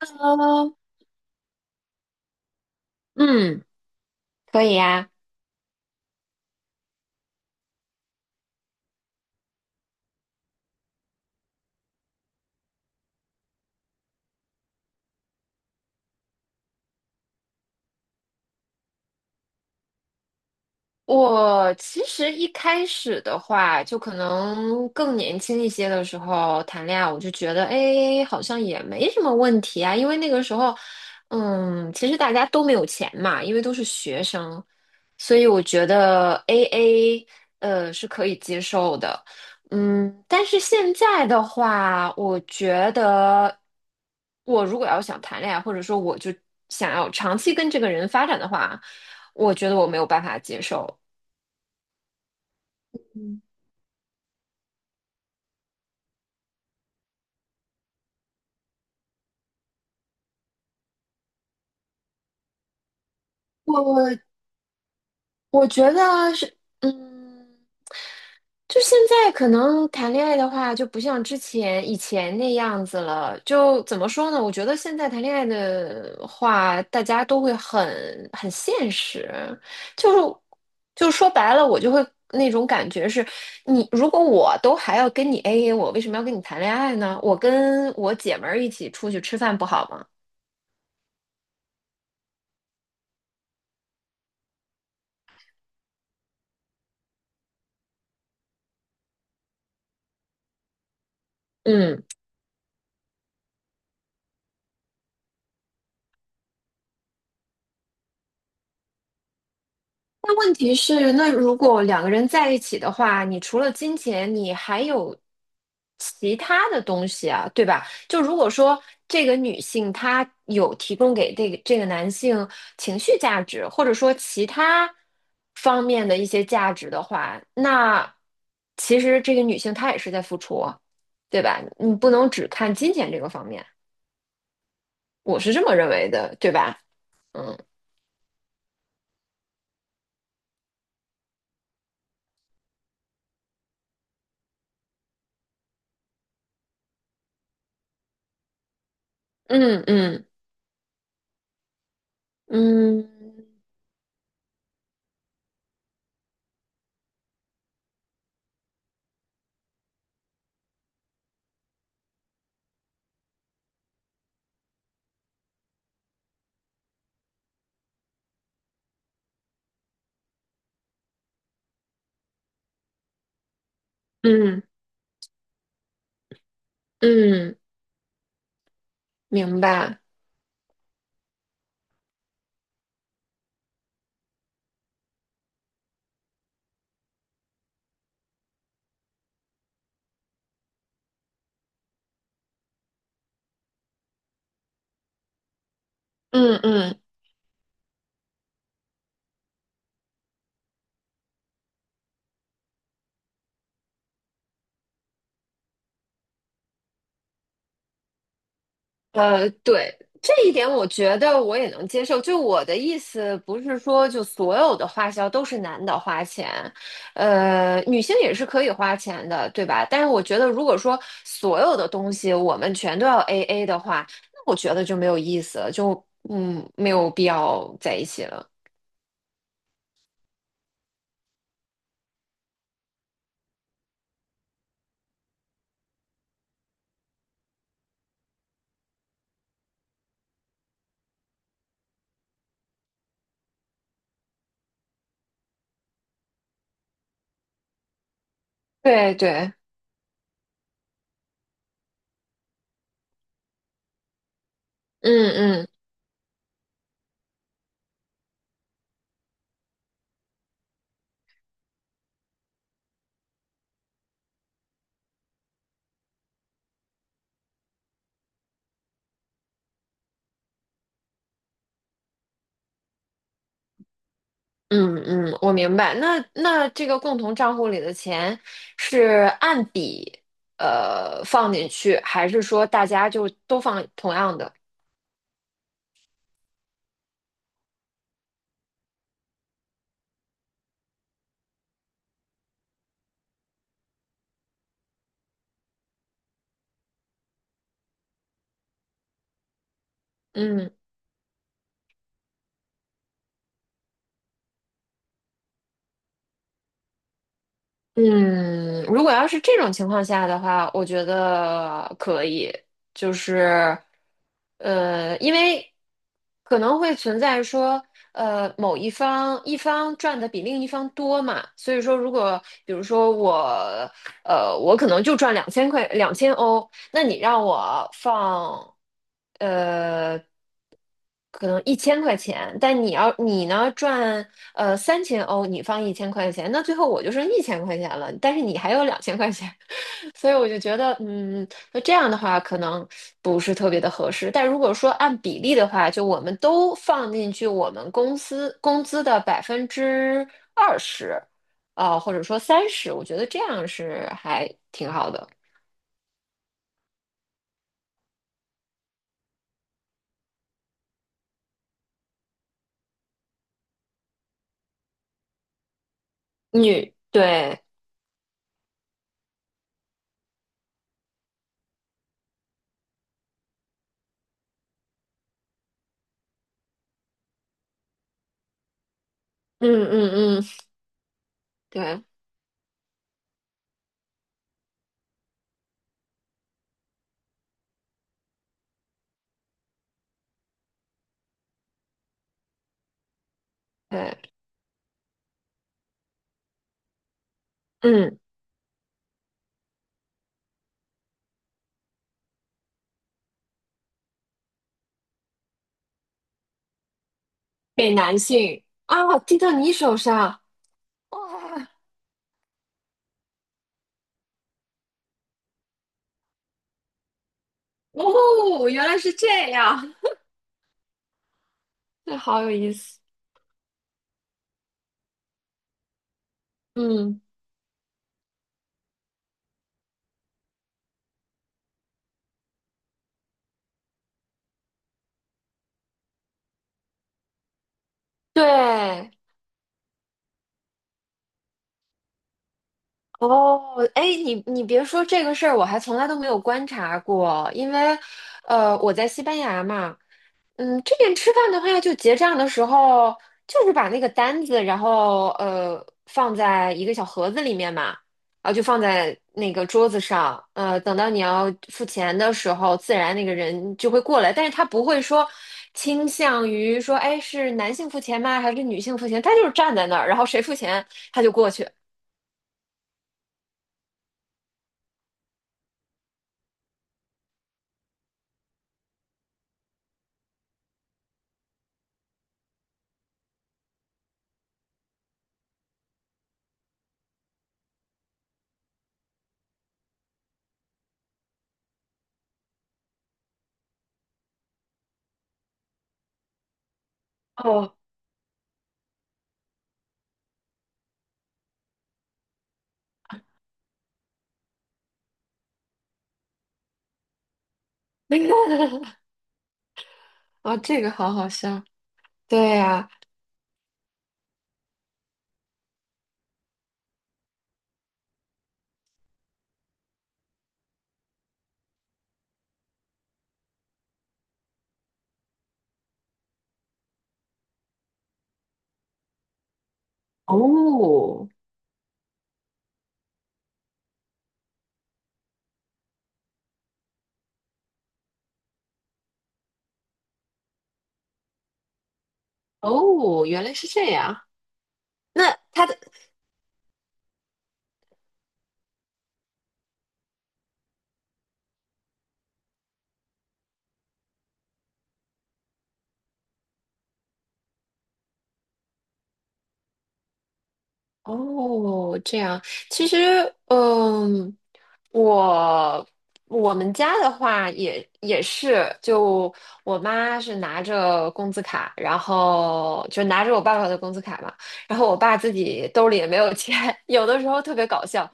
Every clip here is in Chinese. Hello,嗯，可以呀。我其实一开始的话，就可能更年轻一些的时候谈恋爱，我就觉得，哎，好像也没什么问题啊。因为那个时候，其实大家都没有钱嘛，因为都是学生，所以我觉得 AA，是可以接受的。嗯，但是现在的话，我觉得我如果要想谈恋爱，或者说我就想要长期跟这个人发展的话，我觉得我没有办法接受。我我觉得是，嗯，就现在可能谈恋爱的话，就不像以前那样子了。就怎么说呢？我觉得现在谈恋爱的话，大家都会很现实，就是就说白了，我就会那种感觉是，你如果我都还要跟你 AA，我为什么要跟你谈恋爱呢？我跟我姐们儿一起出去吃饭不好吗？嗯。但问题是，那如果两个人在一起的话，你除了金钱，你还有其他的东西啊，对吧？就如果说这个女性她有提供给这个男性情绪价值，或者说其他方面的一些价值的话，那其实这个女性她也是在付出啊，对吧？你不能只看金钱这个方面，我是这么认为的，对吧？嗯嗯嗯，嗯嗯嗯。嗯嗯，明白。嗯嗯，呃，对，这一点我觉得我也能接受。就我的意思，不是说就所有的花销都是男的花钱，呃，女性也是可以花钱的，对吧？但是我觉得，如果说所有的东西我们全都要 AA 的话，那我觉得就没有意思了，就嗯，没有必要在一起了。对对，嗯嗯嗯，我明白。那这个共同账户里的钱是按笔放进去，还是说大家就都放同样的？嗯嗯，如果要是这种情况下的话，我觉得可以，就是因为可能会存在说。呃，某一方赚的比另一方多嘛，所以说如果比如说我，呃，我可能就赚两千块2000欧，那你让我放，呃，可能一千块钱，但你要你呢赚3000欧，你放一千块钱，那最后我就剩一千块钱了，但是你还有2000块钱，所以我就觉得，嗯，那这样的话可能不是特别的合适。但如果说按比例的话，就我们都放进去我们公司工资的20%，啊，或者说30，我觉得这样是还挺好的。女，对，嗯嗯嗯，对对，嗯，给男性啊，滴到你手上，哇。哦，原来是这样，这好有意思。嗯，对，哦，哎，你别说这个事儿，我还从来都没有观察过，因为我在西班牙嘛，嗯，这边吃饭的话，就结账的时候，就是把那个单子，然后放在一个小盒子里面嘛，然后就放在那个桌子上，呃，等到你要付钱的时候，自然那个人就会过来，但是他不会说倾向于说，哎，是男性付钱吗？还是女性付钱？他就是站在那儿，然后谁付钱他就过去。哦，那个，哦，这个好好笑。对呀，哦哦，原来是这样。那他的。哦，这样，其实，嗯，我我们家的话也是，就我妈是拿着工资卡，然后就拿着我爸爸的工资卡嘛，然后我爸自己兜里也没有钱，有的时候特别搞笑，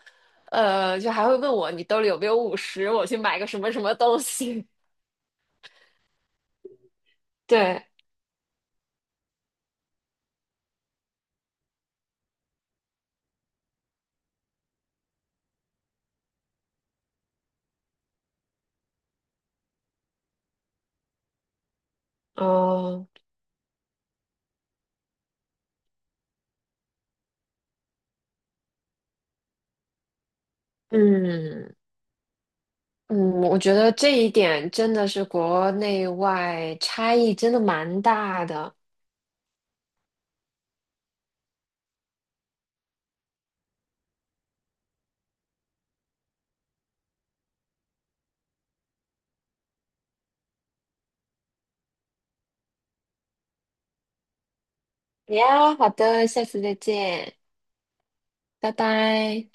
呃，就还会问我你兜里有没有50，我去买个什么什么东西。对，哦，嗯。嗯，我觉得这一点真的是国内外差异真的蛮大的。呀，好的，下次再见，拜拜。